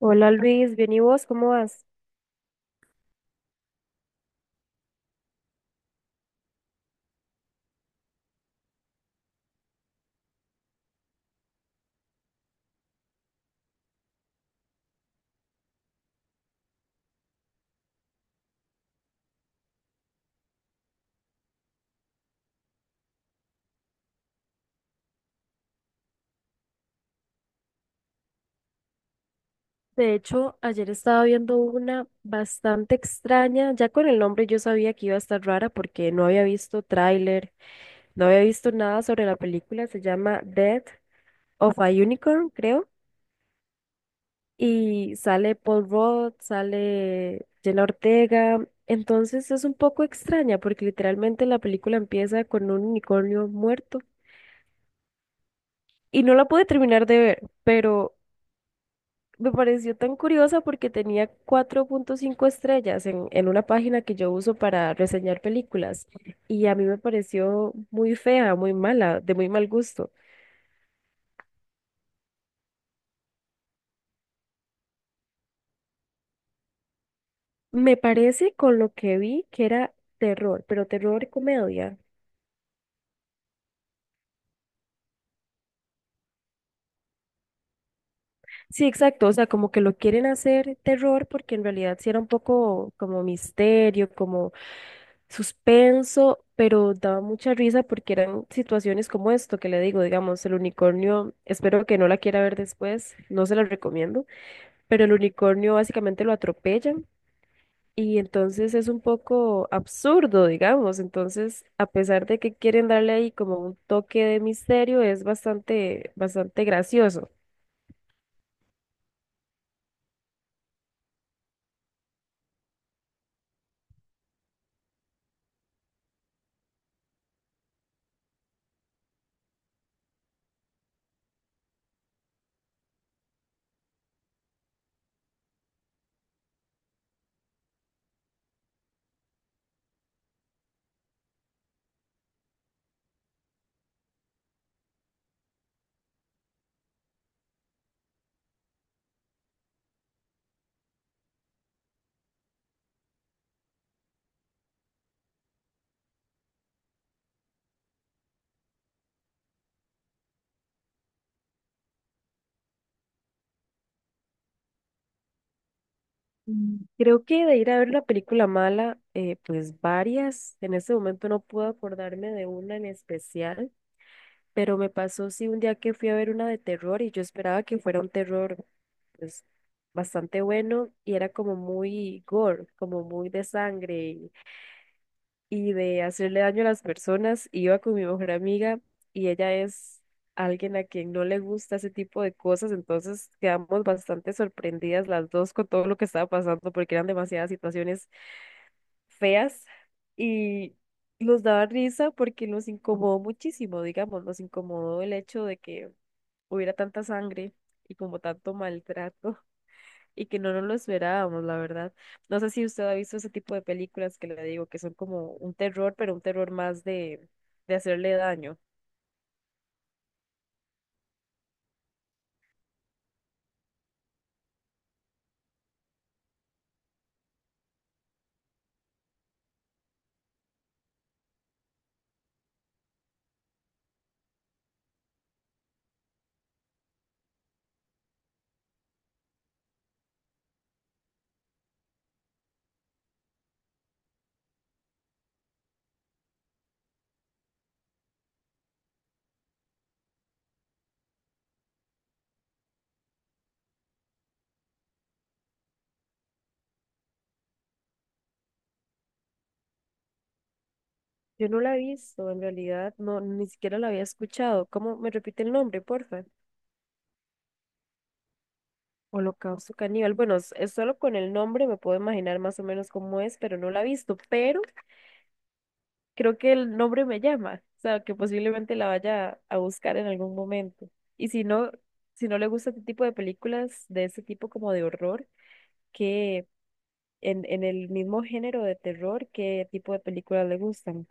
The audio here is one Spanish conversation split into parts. Hola Luis, bien y vos, ¿cómo vas? De hecho, ayer estaba viendo una bastante extraña. Ya con el nombre yo sabía que iba a estar rara porque no había visto tráiler, no había visto nada sobre la película. Se llama Death of a Unicorn, creo. Y sale Paul Rudd, sale Jenna Ortega. Entonces es un poco extraña porque literalmente la película empieza con un unicornio muerto. Y no la pude terminar de ver, pero me pareció tan curiosa porque tenía 4,5 estrellas en una página que yo uso para reseñar películas y a mí me pareció muy fea, muy mala, de muy mal gusto. Me parece con lo que vi que era terror, pero terror y comedia. Sí, exacto, o sea, como que lo quieren hacer terror porque en realidad sí era un poco como misterio, como suspenso, pero daba mucha risa porque eran situaciones como esto que le digo, digamos, el unicornio, espero que no la quiera ver después, no se la recomiendo, pero el unicornio básicamente lo atropellan y entonces es un poco absurdo, digamos, entonces a pesar de que quieren darle ahí como un toque de misterio, es bastante, bastante gracioso. Mm. Creo que de ir a ver la película mala, pues varias. En este momento no puedo acordarme de una en especial, pero me pasó sí un día que fui a ver una de terror y yo esperaba que fuera un terror pues bastante bueno y era como muy gore, como muy de sangre y de hacerle daño a las personas. Iba con mi mejor amiga y ella es alguien a quien no le gusta ese tipo de cosas, entonces quedamos bastante sorprendidas las dos con todo lo que estaba pasando porque eran demasiadas situaciones feas y nos daba risa porque nos incomodó muchísimo, digamos, nos incomodó el hecho de que hubiera tanta sangre y como tanto maltrato y que no nos lo esperábamos, la verdad. No sé si usted ha visto ese tipo de películas que le digo, que son como un terror, pero un terror más de hacerle daño. Yo no la he visto, en realidad, no, ni siquiera la había escuchado. ¿Cómo me repite el nombre, porfa? Holocausto Caníbal. Bueno, es solo con el nombre me puedo imaginar más o menos cómo es, pero no la he visto, pero creo que el nombre me llama, o sea, que posiblemente la vaya a buscar en algún momento. Y si no, si no le gusta este tipo de películas, de ese tipo como de horror, qué en el mismo género de terror, qué tipo de películas le gustan.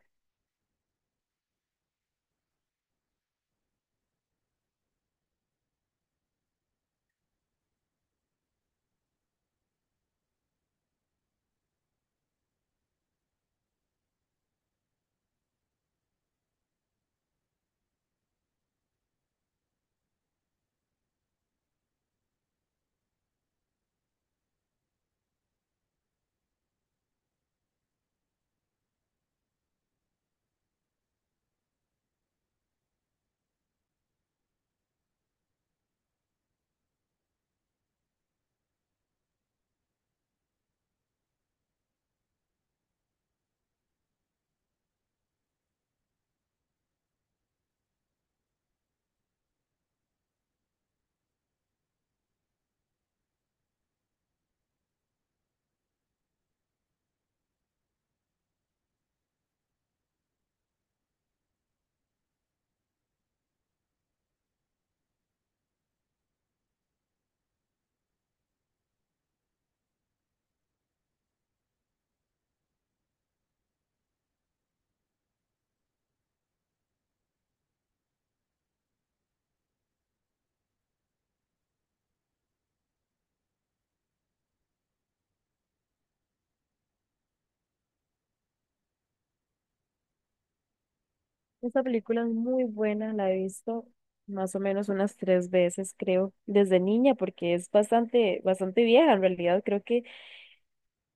Esta película es muy buena, la he visto más o menos unas tres veces, creo, desde niña, porque es bastante, bastante vieja en realidad. Creo que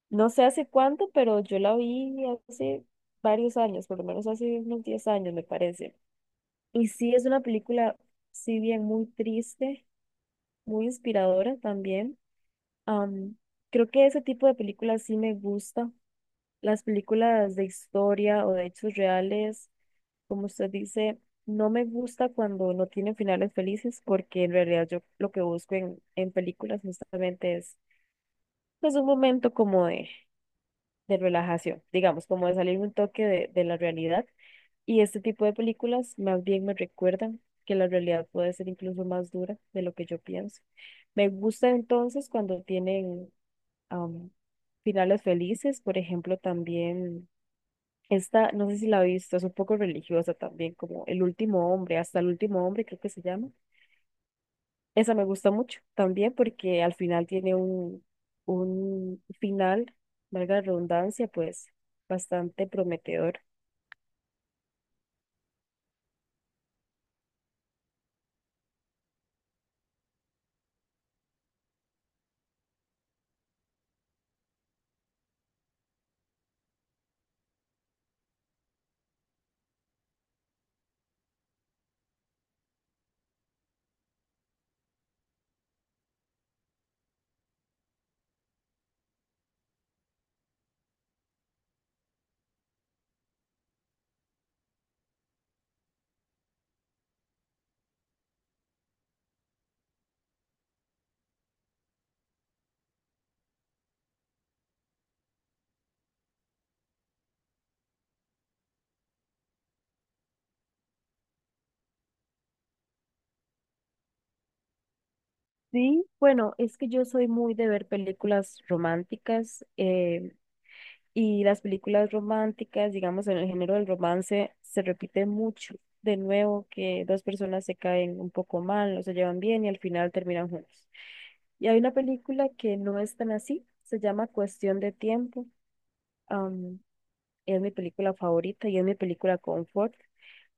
no sé hace cuánto, pero yo la vi hace varios años, por lo menos hace unos 10 años, me parece. Y sí, es una película, si bien muy triste, muy inspiradora también. Am, creo que ese tipo de películas sí me gusta. Las películas de historia o de hechos reales, como usted dice, no me gusta cuando no tienen finales felices porque en realidad yo lo que busco en películas justamente es pues un momento como de relajación, digamos, como de salir un toque de la realidad. Y este tipo de películas más bien me recuerdan que la realidad puede ser incluso más dura de lo que yo pienso. Me gusta entonces cuando tienen am, finales felices, por ejemplo, también esta, no sé si la viste, es un poco religiosa también, como El último hombre, hasta el último hombre creo que se llama. Esa me gusta mucho también porque al final tiene un final, valga la redundancia, pues bastante prometedor. Sí, bueno, es que yo soy muy de ver películas románticas. Y las películas románticas, digamos, en el género del romance, se repite mucho. De nuevo, que dos personas se caen un poco mal, no se llevan bien y al final terminan juntos. Y hay una película que no es tan así, se llama Cuestión de Tiempo. am, es mi película favorita y es mi película confort,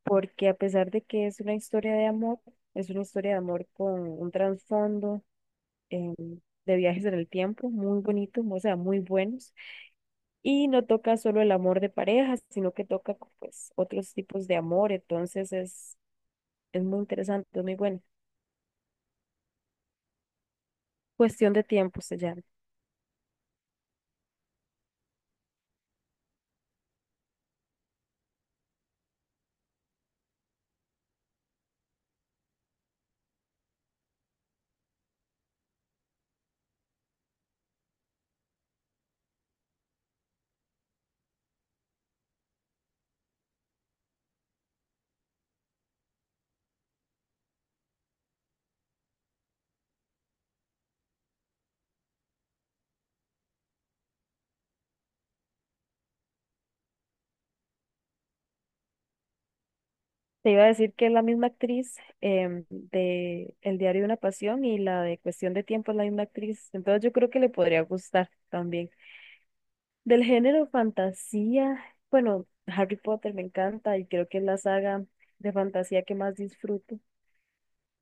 porque a pesar de que es una historia de amor, es una historia de amor con un trasfondo em, de viajes en el tiempo muy bonito, o sea, muy buenos y no toca solo el amor de pareja, sino que toca pues otros tipos de amor. Entonces es muy interesante, es muy bueno. Cuestión de tiempo se llama. Te iba a decir que es la misma actriz de El diario de una pasión y la de Cuestión de tiempo es la misma actriz. Entonces yo creo que le podría gustar también. Del género fantasía, bueno, Harry Potter me encanta y creo que es la saga de fantasía que más disfruto.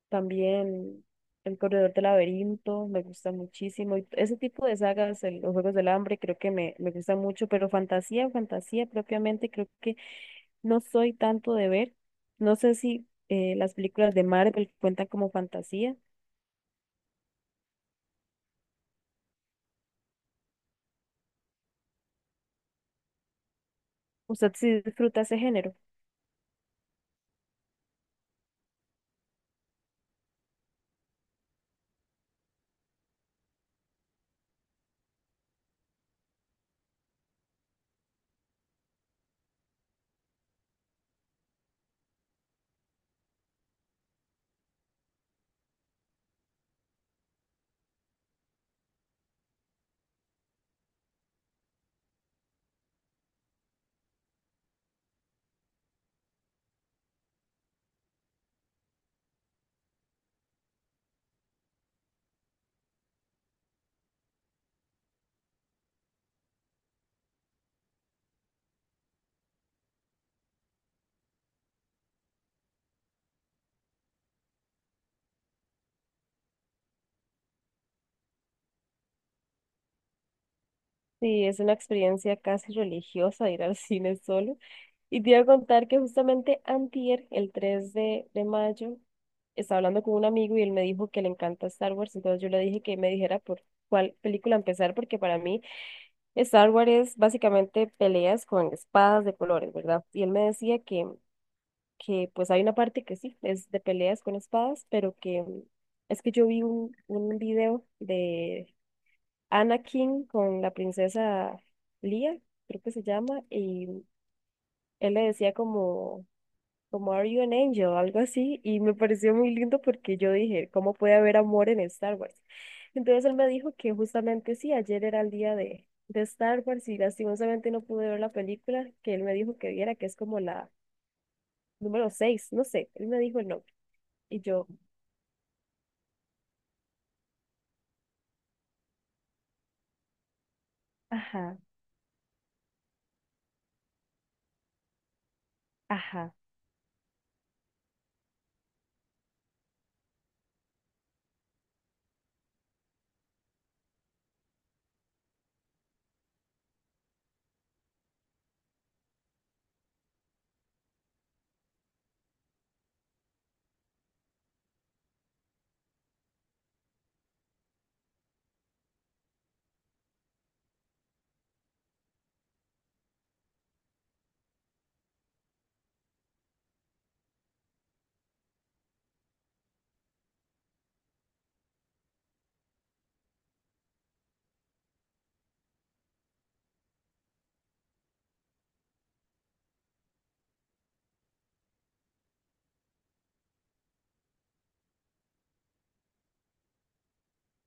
También El Corredor del Laberinto, me gusta muchísimo. Y ese tipo de sagas, los Juegos del Hambre, creo que me gusta mucho, pero fantasía, fantasía propiamente, creo que no soy tanto de ver. No sé si las películas de Marvel cuentan como fantasía. ¿Usted sí disfruta ese género? Sí, es una experiencia casi religiosa ir al cine solo. Y te iba a contar que justamente antier, el 3 de mayo, estaba hablando con un amigo y él me dijo que le encanta Star Wars, entonces yo le dije que me dijera por cuál película empezar, porque para mí Star Wars es básicamente peleas con espadas de colores, ¿verdad? Y él me decía que pues hay una parte que sí, es de peleas con espadas, pero que es que yo vi un video de Anakin con la princesa Leia, creo que se llama, y él le decía como como Are You an Angel, algo así, y me pareció muy lindo porque yo dije, ¿cómo puede haber amor en Star Wars? Entonces él me dijo que justamente sí, ayer era el día de Star Wars y lastimosamente no pude ver la película que él me dijo que viera, que es como la número 6 no sé, él me dijo el nombre, y yo, ajá, ajá.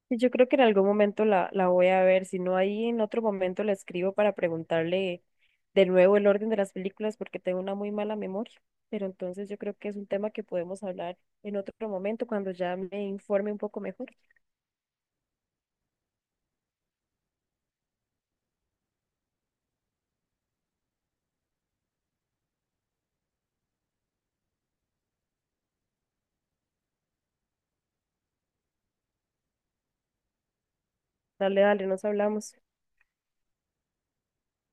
Sí, yo creo que en algún momento la voy a ver, si no ahí en otro momento le escribo para preguntarle de nuevo el orden de las películas porque tengo una muy mala memoria, pero entonces yo creo que es un tema que podemos hablar en otro momento cuando ya me informe un poco mejor. Dale, dale, nos hablamos.